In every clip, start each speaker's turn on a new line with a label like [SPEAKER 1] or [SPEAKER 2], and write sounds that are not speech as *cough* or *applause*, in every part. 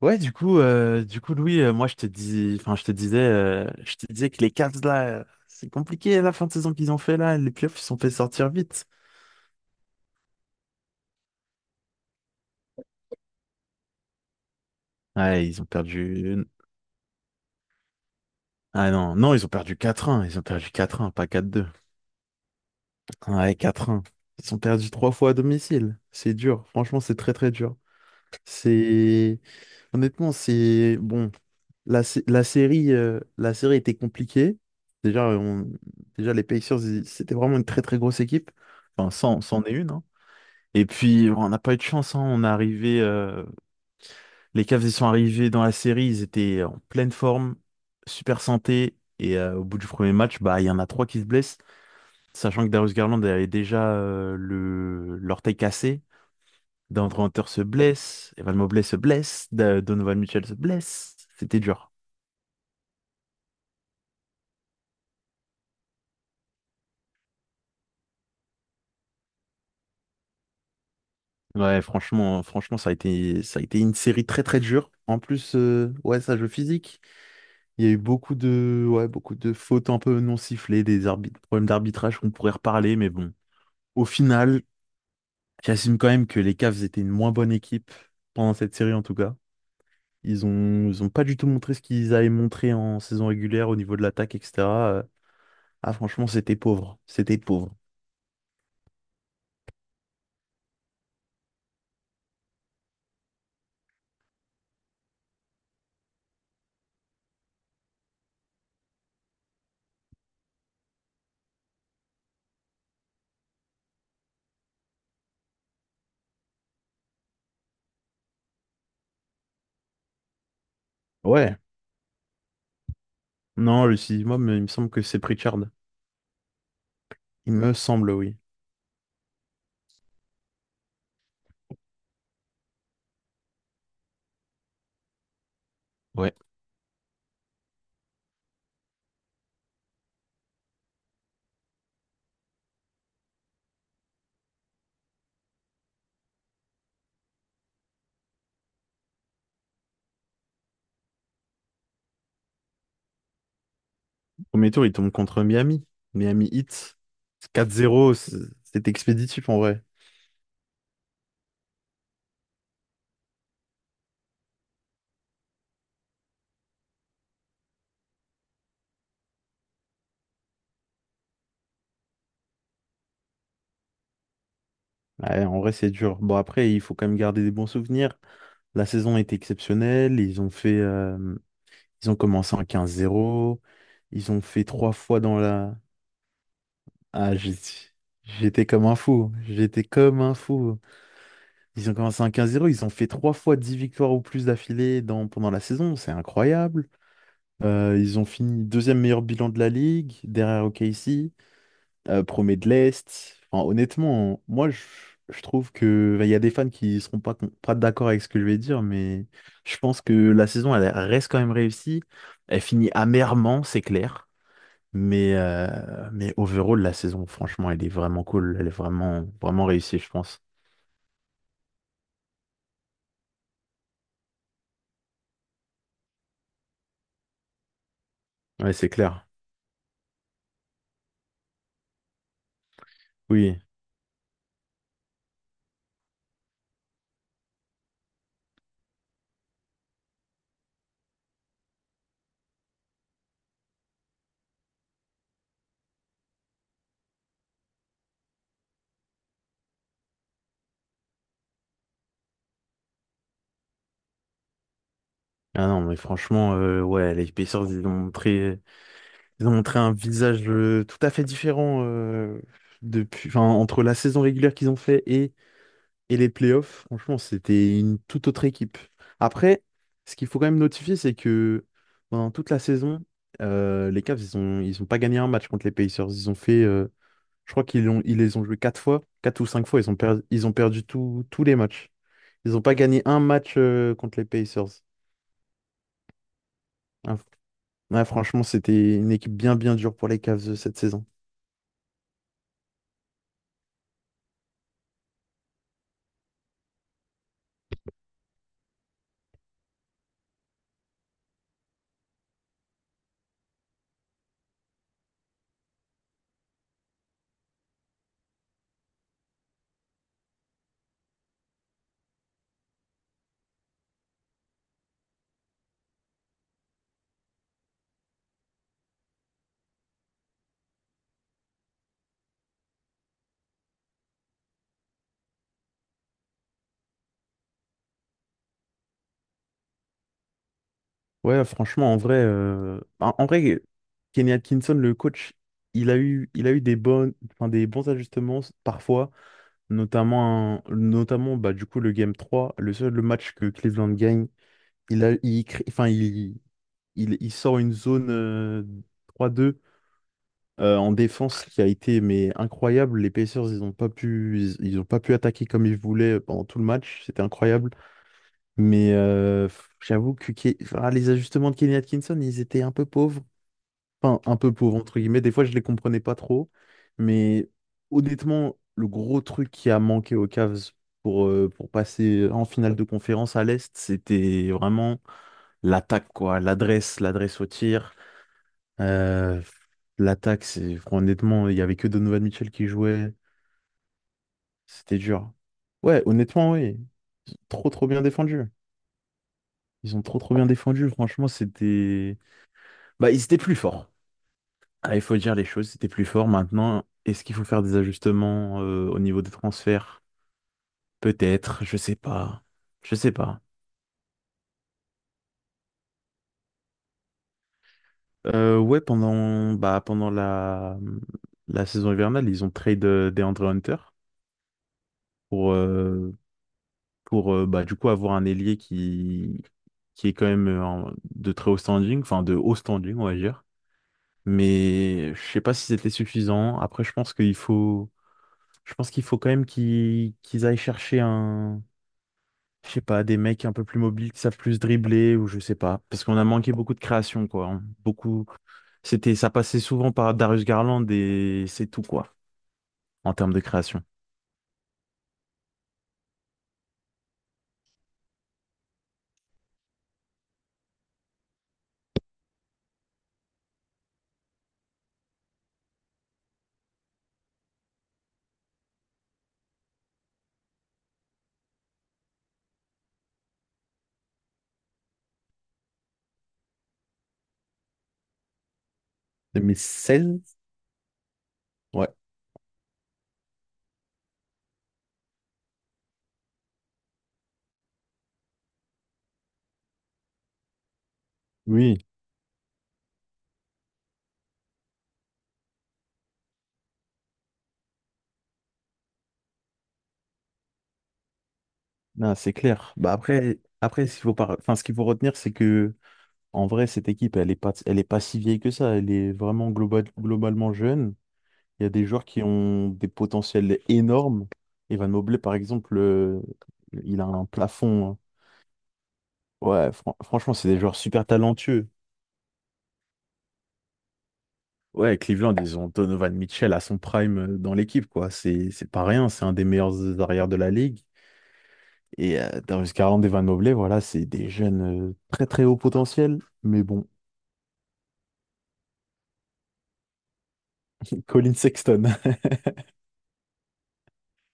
[SPEAKER 1] Ouais, du coup, Louis, moi, enfin, je te disais que les Cavs là, c'est compliqué la fin de saison qu'ils ont fait là. Les playoffs, ils se sont fait sortir vite. Ouais, ils ont perdu. Ah non, non, ils ont perdu quatre 1. Ils ont perdu quatre 1, pas 4-2. Ouais, quatre 1. Ils ont perdu trois fois à domicile. C'est dur. Franchement, c'est très très dur. C'est Honnêtement, c'est bon. La la série était compliquée. Déjà, on... Déjà les Pacers, c'était vraiment une très très grosse équipe. Enfin, c'en est une, hein. Et puis, on n'a pas eu de chance, hein. Les Cavs, ils sont arrivés dans la série. Ils étaient en pleine forme, super santé. Et au bout du premier match, bah, il y en a trois qui se blessent. Sachant que Darius Garland avait déjà l'orteil cassé. Deandre Hunter se blesse. Evan Mobley se blesse. Donovan Mitchell se blesse. C'était dur. Ouais, franchement, ça a été une série très très dure. En plus, ouais, ça joue physique. Il y a eu beaucoup de fautes un peu non sifflées, des problèmes d'arbitrage qu'on pourrait reparler, mais bon. Au final, j'assume quand même que les Cavs étaient une moins bonne équipe pendant cette série en tout cas. Ils ont pas du tout montré ce qu'ils avaient montré en saison régulière au niveau de l'attaque, etc. Euh, Ah, franchement, c'était pauvre, c'était pauvre. Ouais. Non, le sixième moi, il me semble que c'est Pritchard. Il me semble, oui. Ouais. Premier tour, il tombe contre Miami. Miami Heat. 4-0. C'est expéditif en vrai. Ouais, en vrai, c'est dur. Bon, après, il faut quand même garder des bons souvenirs. La saison a été exceptionnelle. Ils ont commencé en 15-0. Ils ont fait trois fois dans la. Ah, j'étais comme un fou. J'étais comme un fou. Ils ont commencé en quinze zéro. Ils ont fait trois fois 10 victoires ou plus d'affilée pendant la saison. C'est incroyable. Ils ont fini deuxième meilleur bilan de la ligue, derrière OKC. Premier de l'Est. Enfin, honnêtement, moi, je trouve que bah, il y a des fans qui seront pas d'accord avec ce que je vais dire, mais je pense que la saison, elle reste quand même réussie. Elle finit amèrement, c'est clair. Mais overall, la saison, franchement, elle est vraiment cool. Elle est vraiment, vraiment réussie, je pense. Ouais, c'est clair. Oui. Ah non, mais franchement, ouais, les Pacers, ils ont montré un visage tout à fait différent depuis, enfin, entre la saison régulière qu'ils ont fait et les playoffs, franchement, c'était une toute autre équipe. Après, ce qu'il faut quand même notifier, c'est que pendant toute la saison, les Cavs, ils ont pas gagné un match contre les Pacers. Je crois qu'ils les ont joués quatre fois, quatre ou cinq fois. Ils ont perdu tous les matchs. Ils n'ont pas gagné un match contre les Pacers. Ah, ouais, franchement, c'était une équipe bien, bien dure pour les Cavs cette saison. Ouais, franchement, en vrai, Kenny Atkinson, le coach, il a eu des bonnes, enfin, des bons ajustements parfois, notamment bah, du coup, le Game 3, le match que Cleveland gagne, il a, il crée- enfin, il sort une zone 3-2 en défense qui a été mais incroyable. Les Pacers, ils ont pas pu, ils ont pas pu attaquer comme ils voulaient pendant tout le match, c'était incroyable. Mais j'avoue que les ajustements de Kenny Atkinson, ils étaient un peu pauvres enfin, un peu pauvres, entre guillemets. Des fois, je les comprenais pas trop. Mais honnêtement, le gros truc qui a manqué aux Cavs pour passer en finale de conférence à l'Est, c'était vraiment l'attaque, quoi. L'adresse, l'adresse au tir. Euh, L'attaque, c'est honnêtement, il y avait que Donovan Mitchell qui jouait. C'était dur. Ouais, honnêtement, oui. Ils ont trop, trop bien défendu. Ils ont trop, trop bien défendu. Franchement, c'était. Bah, ils étaient plus forts. Ah, il faut dire les choses, c'était plus fort maintenant. Est-ce qu'il faut faire des ajustements au niveau des transferts? Peut-être, je sais pas. Je sais pas. Ouais, pendant la saison hivernale, ils ont trade DeAndre Hunter pour, euh, pour du coup avoir un ailier qui est quand même de très haut standing, enfin de haut standing, on va dire. Mais je sais pas si c'était suffisant. Après, je pense qu'il faut quand même qu'ils aillent chercher je sais pas, des mecs un peu plus mobiles qui savent plus dribbler ou je sais pas. Parce qu'on a manqué beaucoup de création, quoi, hein. Beaucoup. Ça passait souvent par Darius Garland et c'est tout, quoi, en termes de création. 2016? Ouais, oui, non, c'est clair. Bah après, ce qu'il faut retenir, c'est que en vrai, cette équipe, elle est pas si vieille que ça. Elle est vraiment globalement jeune. Il y a des joueurs qui ont des potentiels énormes. Evan Mobley, par exemple, il a un plafond, hein. Ouais, franchement, c'est des joueurs super talentueux. Ouais, Cleveland, ils ont Donovan Mitchell à son prime dans l'équipe, quoi. C'est pas rien, c'est un des meilleurs arrières de la ligue. Et Darius Garland, Evan Mobley, voilà, c'est des jeunes très très haut potentiel. Mais bon, Colin Sexton.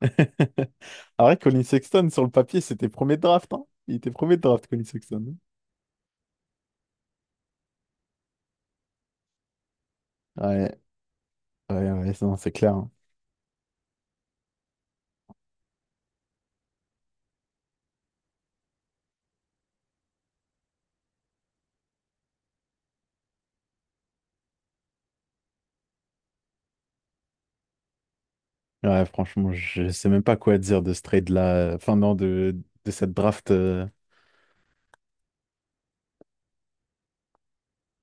[SPEAKER 1] *laughs* Ah ouais, Colin Sexton, sur le papier, c'était premier draft, hein. Il était premier draft, Colin Sexton. Ouais, ouais, ouais, non, c'est clair, hein. Ouais, franchement, je sais même pas quoi dire de ce trade-là. Enfin, non, de cette draft.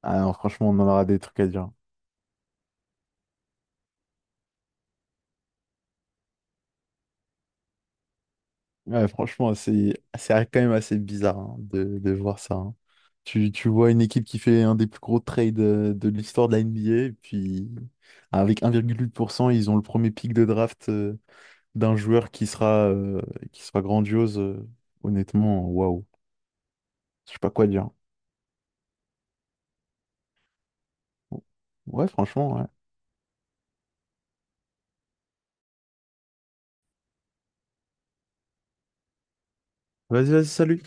[SPEAKER 1] Ah non, franchement, on en aura des trucs à dire. Ouais, franchement, c'est quand même assez bizarre hein, de voir ça, hein. Tu vois une équipe qui fait un des plus gros trades de l'histoire de la NBA, et puis avec 1,8%, ils ont le premier pick de draft d'un joueur qui sera grandiose. Honnêtement, waouh. Je sais pas quoi dire. Ouais, franchement, ouais. Vas-y, vas-y, salut.